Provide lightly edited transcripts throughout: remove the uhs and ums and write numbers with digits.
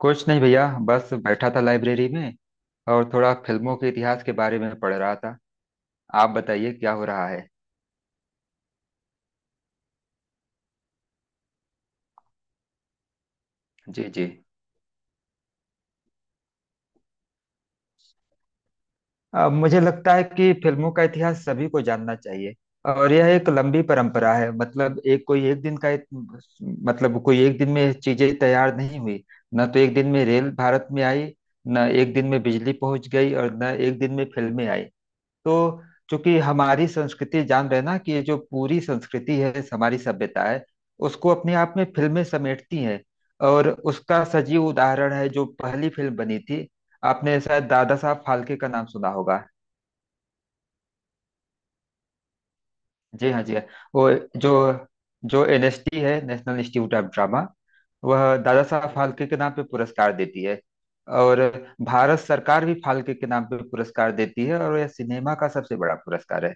कुछ नहीं भैया, बस बैठा था लाइब्रेरी में। और थोड़ा फिल्मों के इतिहास के बारे में पढ़ रहा था। आप बताइए क्या हो रहा है। जी जी। मुझे लगता है कि फिल्मों का इतिहास सभी को जानना चाहिए। और यह एक लंबी परंपरा है। मतलब एक कोई एक दिन का मतलब कोई एक दिन में चीजें तैयार नहीं हुई। न तो एक दिन में रेल भारत में आई, न एक दिन में बिजली पहुंच गई और न एक दिन में फिल्में आई। तो चूंकि हमारी संस्कृति, जान रहे ना, कि ये जो पूरी संस्कृति है, हमारी सभ्यता है, उसको अपने आप में फिल्में समेटती हैं। और उसका सजीव उदाहरण है जो पहली फिल्म बनी थी। आपने शायद दादा साहब फाल्के का नाम सुना होगा। जी हाँ जी हाँ। वो जो जो एनएसडी है, नेशनल इंस्टीट्यूट ऑफ ड्रामा। वह दादा साहब फाल्के के नाम पे पुरस्कार देती है। और भारत सरकार भी फाल्के के नाम पे पुरस्कार देती है, और यह सिनेमा का सबसे बड़ा पुरस्कार है।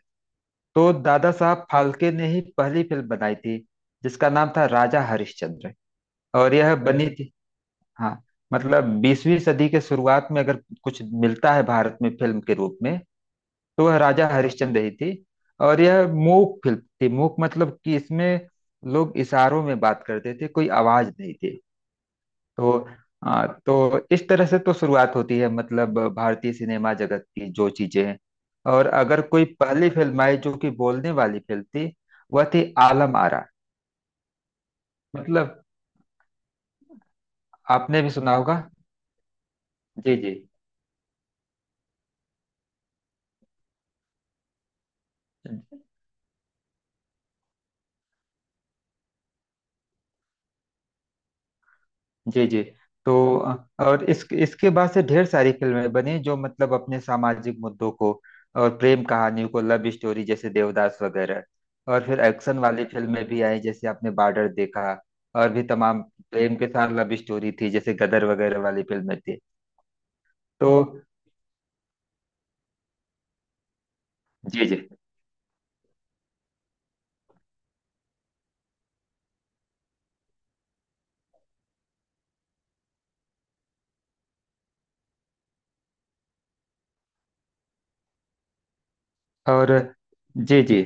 तो दादा साहब फाल्के ने ही पहली फिल्म बनाई थी, जिसका नाम था राजा हरिश्चंद्र। और यह बनी थी, हाँ, मतलब 20वीं सदी के शुरुआत में। अगर कुछ मिलता है भारत में फिल्म के रूप में, तो वह राजा हरिश्चंद्र ही थी। और यह मूक फिल्म थी। मूक मतलब कि इसमें लोग इशारों में बात करते थे, कोई आवाज नहीं थी। तो तो इस तरह से तो शुरुआत होती है, मतलब भारतीय सिनेमा जगत की जो चीजें हैं। और अगर कोई पहली फिल्म आई जो कि बोलने वाली फिल्म थी, वह थी आलम आरा। मतलब आपने भी सुना होगा। जी जी जी जी। तो और इस इसके बाद से ढेर सारी फिल्में बनी, जो मतलब अपने सामाजिक मुद्दों को, और प्रेम कहानियों को, लव स्टोरी, जैसे देवदास वगैरह। और फिर एक्शन वाली फिल्में भी आई, जैसे आपने बॉर्डर देखा, और भी तमाम। प्रेम के साथ लव स्टोरी थी, जैसे गदर वगैरह वाली फिल्में थी। तो जी जी। और जी जी।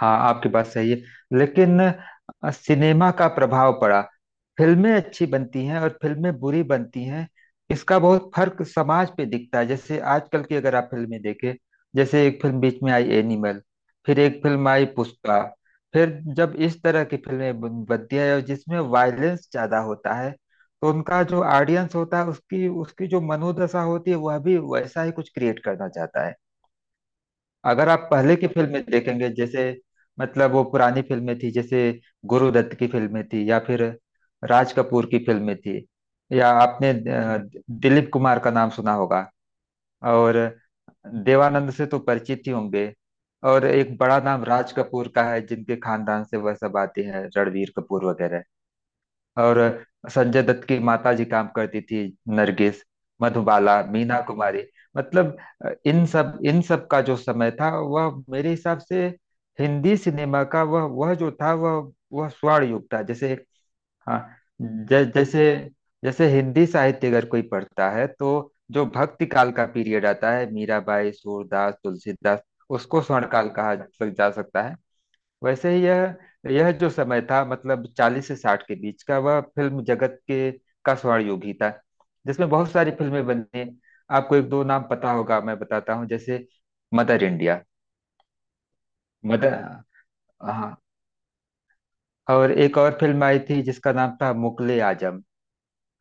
हाँ, आपकी बात सही है। लेकिन सिनेमा का प्रभाव पड़ा। फिल्में अच्छी बनती हैं और फिल्में बुरी बनती हैं। इसका बहुत फर्क समाज पे दिखता है। जैसे आजकल की अगर आप फिल्में देखें, जैसे एक फिल्म बीच में आई एनिमल, फिर एक फिल्म आई पुष्पा। फिर जब इस तरह की फिल्में बनती है और जिसमें वायलेंस ज्यादा होता है, तो उनका जो ऑडियंस होता है, उसकी उसकी जो मनोदशा होती है, वह भी वैसा ही कुछ क्रिएट करना चाहता है। अगर आप पहले की फिल्में देखेंगे, जैसे, मतलब वो पुरानी फिल्में थी, जैसे गुरुदत्त की फिल्में थी, या फिर राज कपूर की फिल्में थी। या आपने दिलीप कुमार का नाम सुना होगा। और देवानंद से तो परिचित ही होंगे। और एक बड़ा नाम राज कपूर का है, जिनके खानदान से वह सब आते हैं, रणवीर कपूर वगैरह। और संजय दत्त की माता जी काम करती थी, नरगिस, मधुबाला, मीना कुमारी। मतलब इन सब का जो समय था, वह मेरे हिसाब से हिंदी सिनेमा का, वह जो था, वह स्वर्ण युग था। जैसे हाँ। जैसे जैसे हिंदी साहित्य अगर कोई पढ़ता है, तो जो भक्ति काल का पीरियड आता है, मीराबाई, सूरदास, तुलसीदास, उसको स्वर्ण काल कहा जा जा सकता है। वैसे ही यह जो समय था, मतलब 40 से 60 के बीच का, वह फिल्म जगत के का स्वर्ण युग ही था, जिसमें बहुत सारी फिल्में बनी। आपको एक दो नाम पता होगा, मैं बताता हूँ, जैसे मदर इंडिया। मदर, हाँ। और एक और फिल्म आई थी जिसका नाम था मुगले आजम।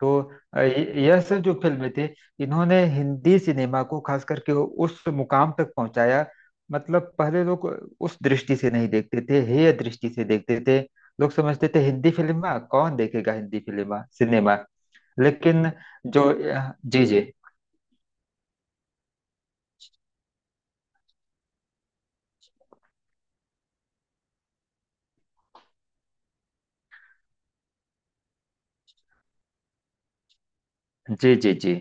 तो यह सब जो फिल्में थी, इन्होंने हिंदी सिनेमा को खास करके उस मुकाम तक पहुंचाया। मतलब पहले लोग उस दृष्टि से नहीं देखते थे, हेय दृष्टि से देखते थे। लोग समझते थे हिंदी फिल्मा कौन देखेगा, हिंदी फिल्मा सिनेमा। लेकिन जो जी जी जी जी जी।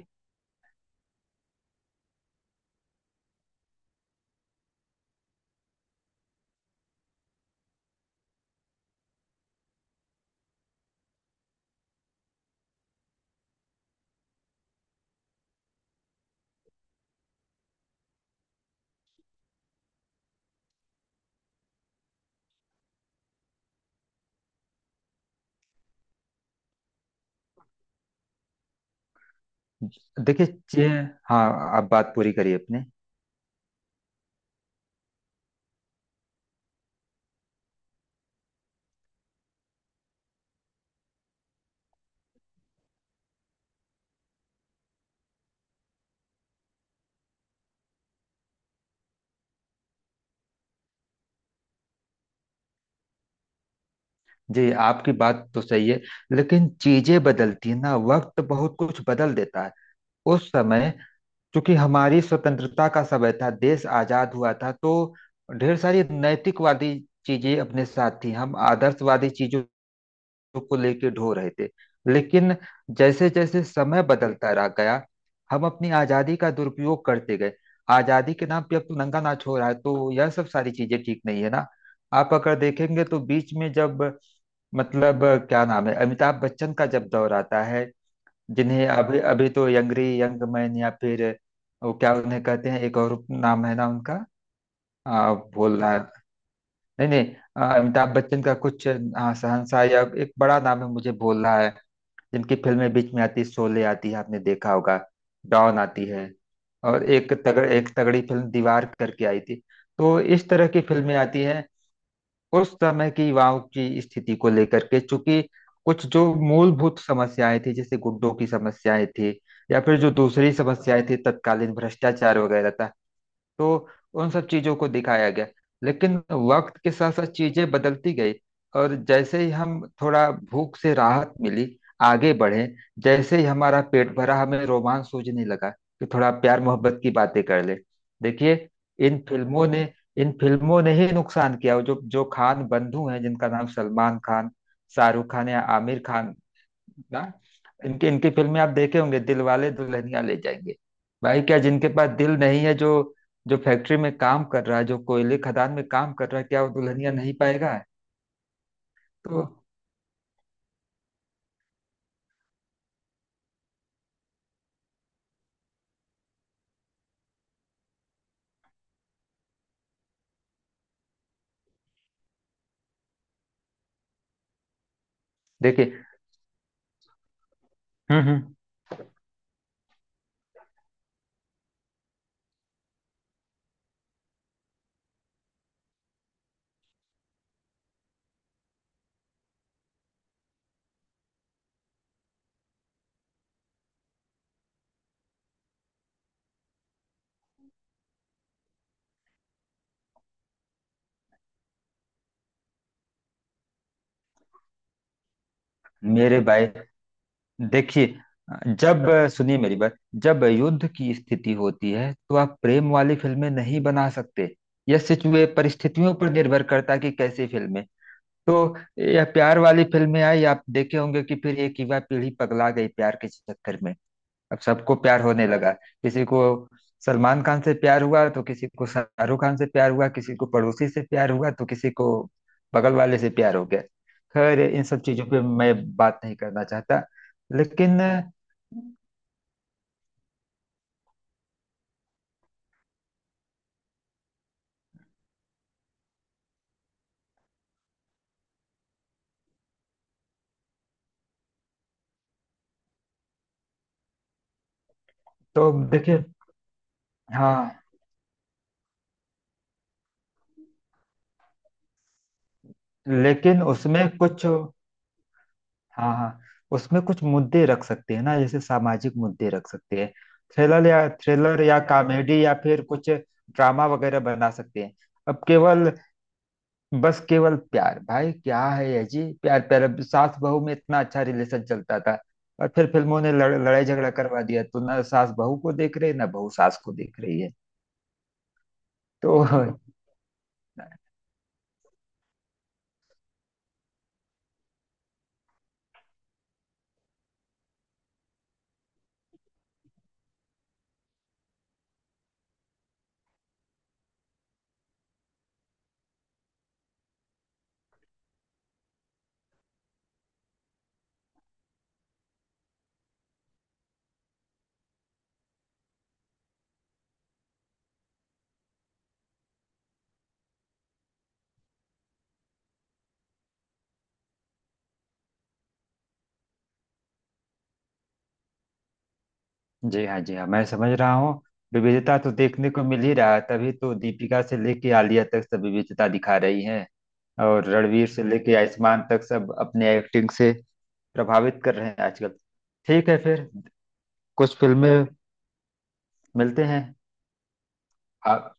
देखिए हाँ, आप बात पूरी करिए अपने। जी, आपकी बात तो सही है, लेकिन चीजें बदलती हैं ना, वक्त बहुत कुछ बदल देता है। उस समय, क्योंकि हमारी स्वतंत्रता का समय था, देश आजाद हुआ था, तो ढेर सारी नैतिकवादी चीजें अपने साथ थी। हम आदर्शवादी चीजों को लेके ढो रहे थे। लेकिन जैसे जैसे समय बदलता रह गया, हम अपनी आजादी का दुरुपयोग करते गए। आजादी के नाम पे अब तो नंगा नाच हो रहा है, तो यह सब सारी चीजें ठीक नहीं है ना। आप अगर देखेंगे, तो बीच में जब, मतलब क्या नाम है, अमिताभ बच्चन का जब दौर आता है, जिन्हें अभी अभी तो यंगरी यंग मैन, या फिर वो क्या उन्हें कहते हैं, एक और नाम है ना उनका, भूल रहा है। नहीं नहीं, अमिताभ बच्चन का कुछ, हाँ शहंशाह, या एक बड़ा नाम है, मुझे भूल रहा है। जिनकी फिल्में बीच में आती है, शोले आती है आपने देखा होगा, डॉन आती है, और एक तगड़ी फिल्म दीवार करके आई थी। तो इस तरह की फिल्में आती हैं उस समय की युवाओं की स्थिति को लेकर के। चूंकि कुछ जो मूलभूत समस्याएं थी, जैसे गुंडों की समस्याएं थी, या फिर जो दूसरी समस्याएं थी, तत्कालीन भ्रष्टाचार वगैरह था, तो उन सब चीजों को दिखाया गया। लेकिन वक्त के साथ साथ चीजें बदलती गई। और जैसे ही हम थोड़ा भूख से राहत मिली, आगे बढ़े, जैसे ही हमारा पेट भरा, हमें रोमांच सूझने लगा कि थोड़ा प्यार मोहब्बत की बातें कर ले। देखिए, इन फिल्मों ने इन फिल्मों ने ही नुकसान किया। जो जो खान बंधु हैं, जिनका नाम सलमान खान, शाहरुख खान या आमिर खान, ना, इनकी इनकी फिल्में आप देखे होंगे, दिल वाले दुल्हनिया ले जाएंगे। भाई, क्या जिनके पास दिल नहीं है, जो जो फैक्ट्री में काम कर रहा है, जो कोयले खदान में काम कर रहा है, क्या वो दुल्हनिया नहीं पाएगा? तो देखिए। हम्म। मेरे भाई, देखिए, जब, सुनिए मेरी बात, जब युद्ध की स्थिति होती है, तो आप प्रेम वाली फिल्में नहीं बना सकते। यह सिचुए परिस्थितियों पर निर्भर करता है कि कैसी फिल्में। तो यह प्यार वाली फिल्में आई, आप देखे होंगे कि फिर एक युवा पीढ़ी पगला गई प्यार के चक्कर में। अब सबको प्यार होने लगा। किसी को सलमान खान से प्यार हुआ, तो किसी को शाहरुख खान से प्यार हुआ, किसी को पड़ोसी से प्यार हुआ, तो किसी को बगल वाले से प्यार हो गया। खैर इन सब चीजों पे मैं बात नहीं करना चाहता। लेकिन तो देखिए। हाँ। लेकिन उसमें कुछ, हाँ हाँ, उसमें कुछ मुद्दे रख सकते हैं ना, जैसे सामाजिक मुद्दे रख सकते हैं। थ्रिलर या कॉमेडी, या फिर कुछ ड्रामा वगैरह बना सकते हैं। अब केवल, बस केवल प्यार, भाई क्या है ये जी, प्यार प्यार। अब सास बहू में इतना अच्छा रिलेशन चलता था, और फिर फिल्मों ने लड़ाई झगड़ा करवा दिया, तो ना सास बहू को देख रही है, ना बहू सास को देख रही है। तो जी हाँ जी हाँ, मैं समझ रहा हूँ। विविधता तो देखने को मिल ही रहा है, तभी तो दीपिका से लेके आलिया तक सब विविधता दिखा रही हैं। और रणवीर से लेके आयुष्मान तक सब अपने एक्टिंग से प्रभावित कर रहे हैं आजकल। ठीक है फिर, कुछ फिल्में मिलते हैं। आप,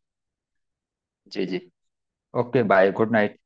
जी जी, ओके बाय, गुड नाइट।